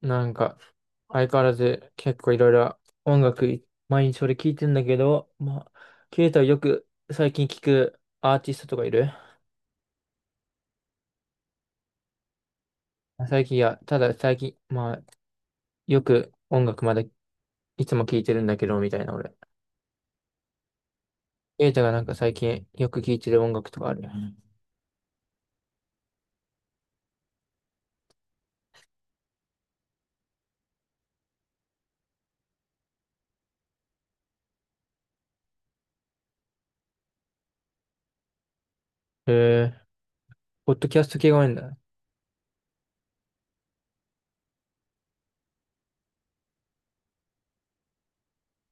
なんか、相変わらず結構いろいろ音楽い、毎日俺聞いてんだけど、まあ、ケイタはよく最近聞くアーティストとかいる？いや、ただ最近、まあ、よく音楽までいつも聞いてるんだけど、みたいな俺。ケイタがなんか最近よく聞いてる音楽とかある？へえ、ポッドキャスト系が多いんだ。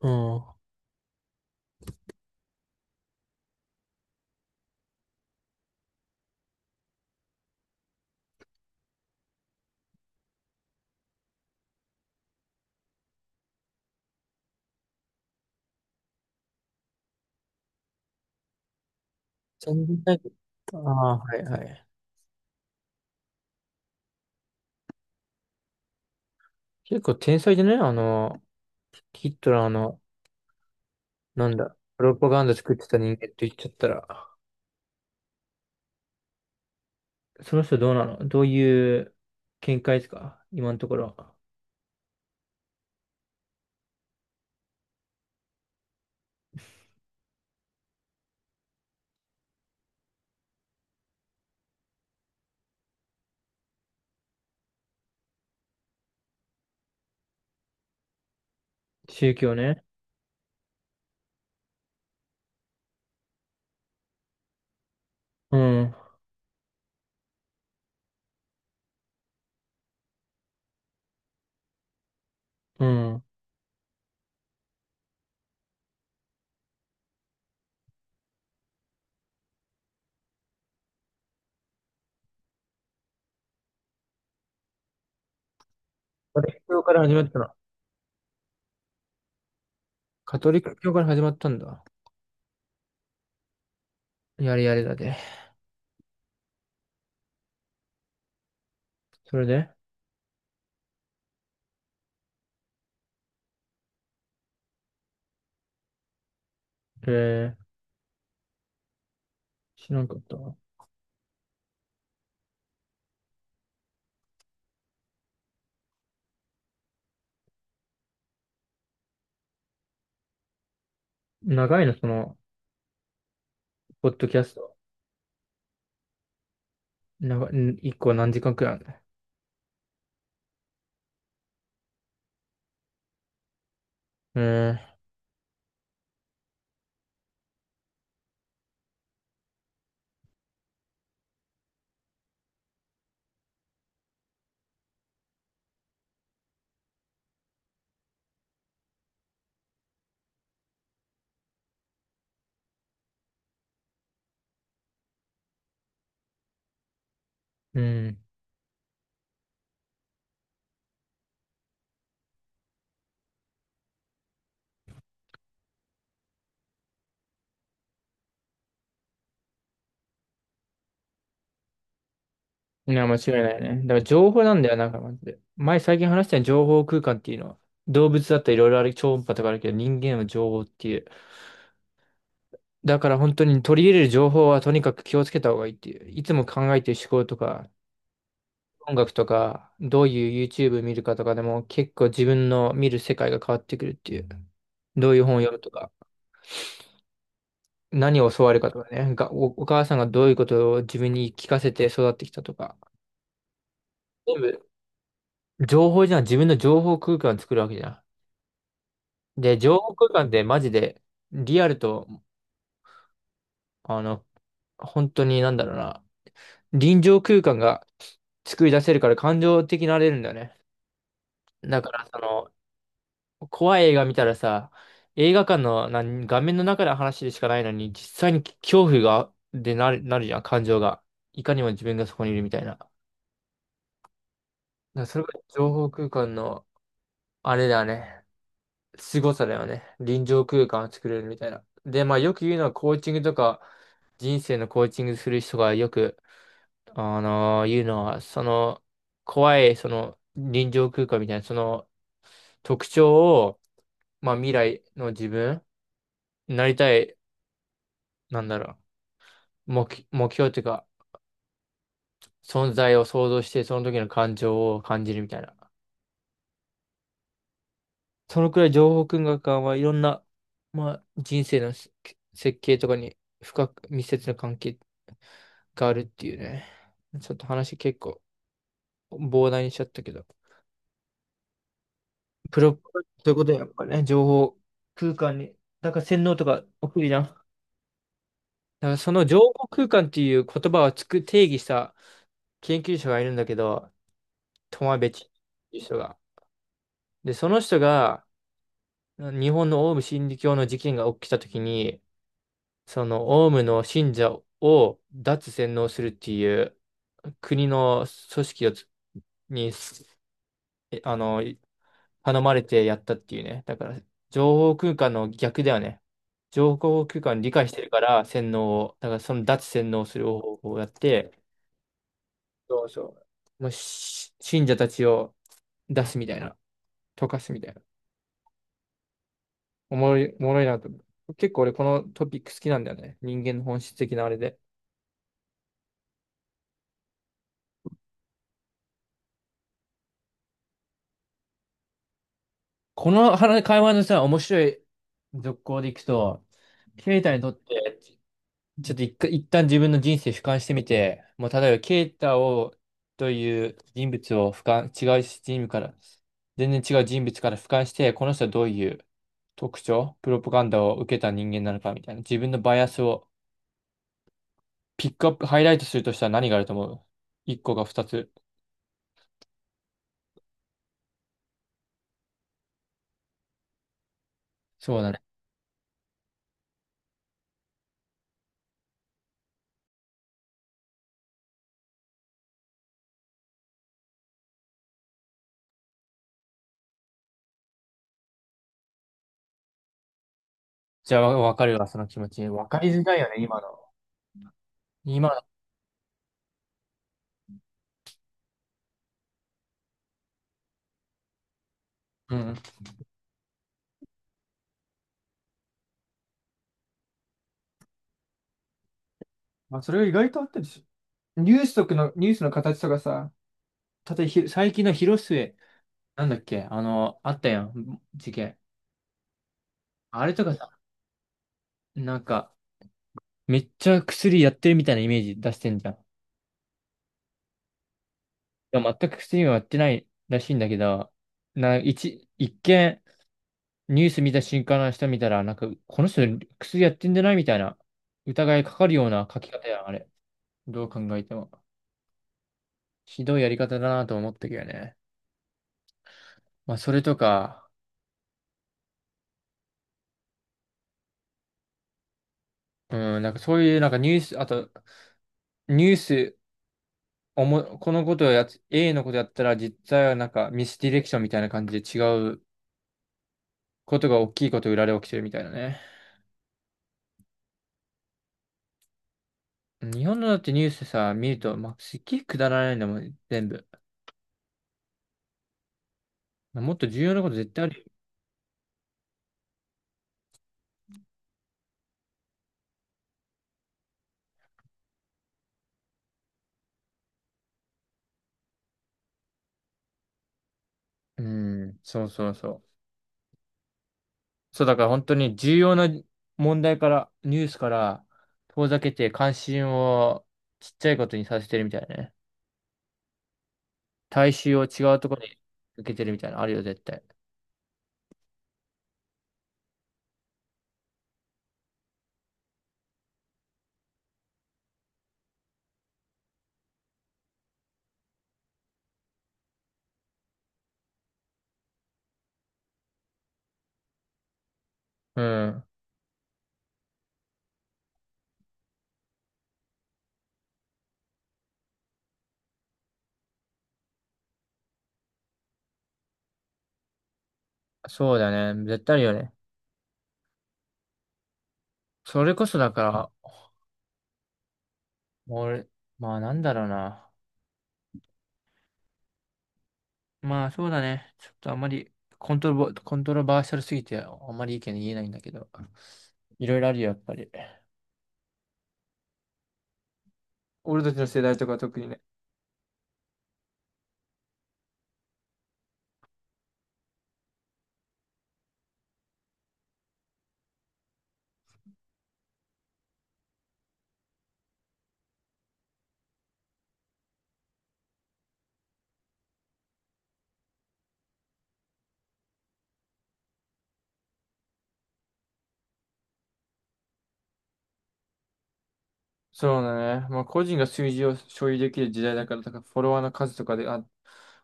うん。全然ないけど。ああ、はいはい。結構天才でね、ヒットラーの、なんだ、プロパガンダ作ってた人間って言っちゃったら。その人どうなの、どういう見解ですか、今のところ？宗教ね。うん。うん。カトリック教から始まったの？カトリック教から始まったんだ。やれやれだで。それでえー、知らんかったわ。長いの、ポッドキャスト？長い、ん一個何時間くらいあるの？うん。うん。いや、間違いないね。だから情報なんだよ、なんかマジで。前最近話した情報空間っていうのは、動物だったらいろいろある、超音波とかあるけど、人間は情報っていう。だから本当に取り入れる情報はとにかく気をつけた方がいいっていう。いつも考えてる思考とか、音楽とか、どういう YouTube 見るかとかでも結構自分の見る世界が変わってくるっていう。どういう本を読むとか、何を教わるかとかね、お母さんがどういうことを自分に聞かせて育ってきたとか。全部情報じゃん。自分の情報空間を作るわけじゃん。で、情報空間ってマジでリアルと、あの、本当になんだろうな、臨場空間が作り出せるから感情的になれるんだよね。だから、怖い映画見たらさ、映画館の画面の中の話でしかないのに、実際に恐怖が、でなるじゃん、感情が。いかにも自分がそこにいるみたいな。だからそれが情報空間の、あれだよね、凄さだよね。臨場空間を作れるみたいな。で、まあよく言うのはコーチングとか、人生のコーチングする人がよくいうのは、怖い、臨場空間みたいな、特徴を、まあ、未来の自分、なりたい、なんだろ目標っていうか、存在を想像して、その時の感情を感じるみたいな。そのくらい情報空間はいろんな、まあ、人生の設計とかに深く密接な関係があるっていうね。ちょっと話結構膨大にしちゃったけど。そういうことやっぱね、情報空間に、だから洗脳とか起きるじゃん。だからその情報空間っていう言葉を定義した研究者がいるんだけど、トマベチっていう人が。で、その人が日本のオウム真理教の事件が起きたときに、そのオウムの信者を脱洗脳するっていう国の組織をつに、あの、頼まれてやったっていうね。だから、情報空間の逆だよね。情報空間を理解してるから、洗脳を、だからその脱洗脳する方法をやって、そうそう。もうし信者たちを出すみたいな、溶かすみたいな。おもろいなと思う。結構俺このトピック好きなんだよね。人間の本質的なあれで。この話会話のさ、面白い続行でいくと、ケイタにとってちょっと一旦自分の人生俯瞰してみて、もう例えば、ケイタを、という人物を俯瞰、違う人物から、全然違う人物から俯瞰して、この人はどういう特徴、プロパガンダを受けた人間なのかみたいな、自分のバイアスをピックアップ、ハイライトするとしたら何があると思う？一個か二つ？そうだね。じゃあ、わかるわ、その気持ち。わかりづらいよね、今の。今の。うん。まあ、それが意外とあったりする。ニュースの形とかさ、例えば最近の広末なんだっけ、あったやん、事件。あれとかさ、なんか、めっちゃ薬やってるみたいなイメージ出してんじゃん。でも全く薬はやってないらしいんだけど、一見、ニュース見た瞬間の人見たら、なんか、この人薬やってんじゃないみたいな、疑いかかるような書き方やん、あれ。どう考えても。ひどいやり方だなと思ったけどね。まあ、それとか、うん、なんかそういう、なんかニュース、おも、このことをやつ、A のことやったら実際はなんかミスディレクションみたいな感じで違うことが大きいこと裏で起きてるみたいなね。日本のだってニュースさ、見ると、まあ、すっげえくだらないんだもん、全部。もっと重要なこと絶対あるよ。うん、そうそうそう。そう、だから本当に重要な問題から、ニュースから遠ざけて関心をちっちゃいことにさせてるみたいなね。大衆を違うところに受けてるみたいなのあるよ、絶対。うん、そうだね。絶対あるよね。それこそだから、俺、まあなんだろうな。まあそうだね。ちょっとあんまりコントロバーシャルすぎてあんまり意見言えないんだけど。いろいろあるよ、やっぱり。俺たちの世代とか特にね。そうだね。まあ個人が数字を所有できる時代だから、だからフォロワーの数とかで、あ、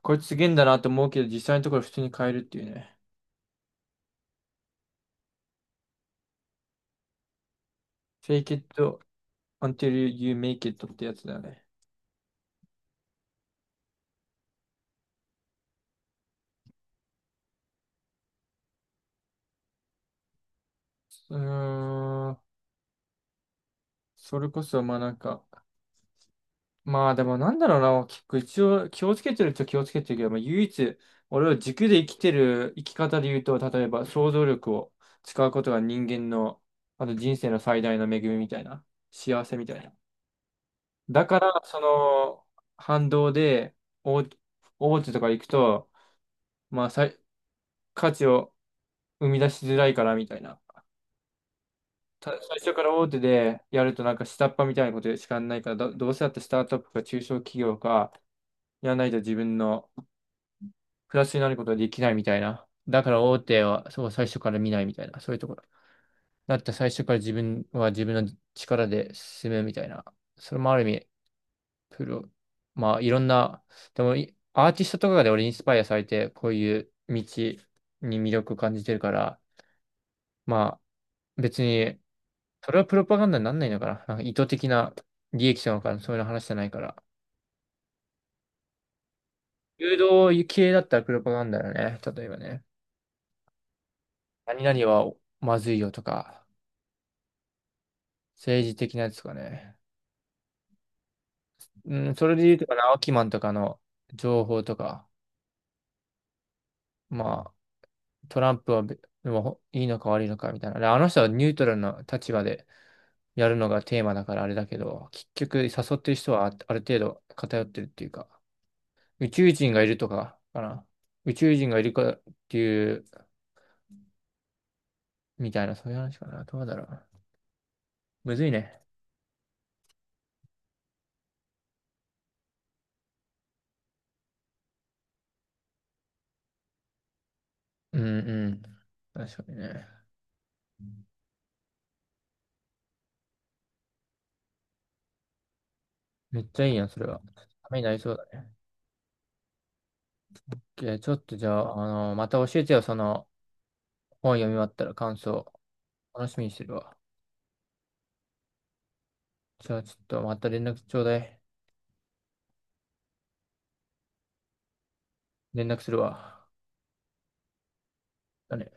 こいつすげえんだなと思うけど、実際のところ普通に変えるっていうね。Fake it until you make it ってやつだよね。うーん。それこそ、まあなんか、まあでもなんだろうな、結構一応気をつけてるっちゃ気をつけてるけど、まあ、唯一俺は軸で生きてる生き方で言うと、例えば想像力を使うことが人間の、あと人生の最大の恵みみたいな、幸せみたいな。だからその反動で大、大手とか行くと、まあ価値を生み出しづらいからみたいな。最初から大手でやるとなんか下っ端みたいなことしかやらないから、どうせだってスタートアップか中小企業かやらないと自分のプラスになることができないみたいな。だから大手はそう最初から見ないみたいな。そういうところ。だって最初から自分は自分の力で進むみたいな。それもある意味、プロ。まあいろんな、でもアーティストとかで俺インスパイアされて、こういう道に魅力を感じてるから、まあ別に、それはプロパガンダになんないのかな。なんか意図的な利益者なのかな、そういう話じゃないから。誘導系だったらプロパガンダだね。例えばね。何々はまずいよとか。政治的なやつとかね。うん、それで言うとかな、アキマンとかの情報とか、まあ、トランプはべでもほいいのか悪いのかみたいな。であの人はニュートラルな立場でやるのがテーマだからあれだけど、結局誘ってる人はある程度偏ってるっていうか、宇宙人がいるとかかな。宇宙人がいるかっていう、みたいな、そういう話かな。どうだろう。むずいね。うんうん。確かにね。めっちゃいいやん、それは。ためになりそうだね。いやちょっとじゃあ、また教えてよ、本読み終わったら感想、楽しみにしてるわ。じゃあちょっとまた連絡ちょうだい。連絡するわ。だね。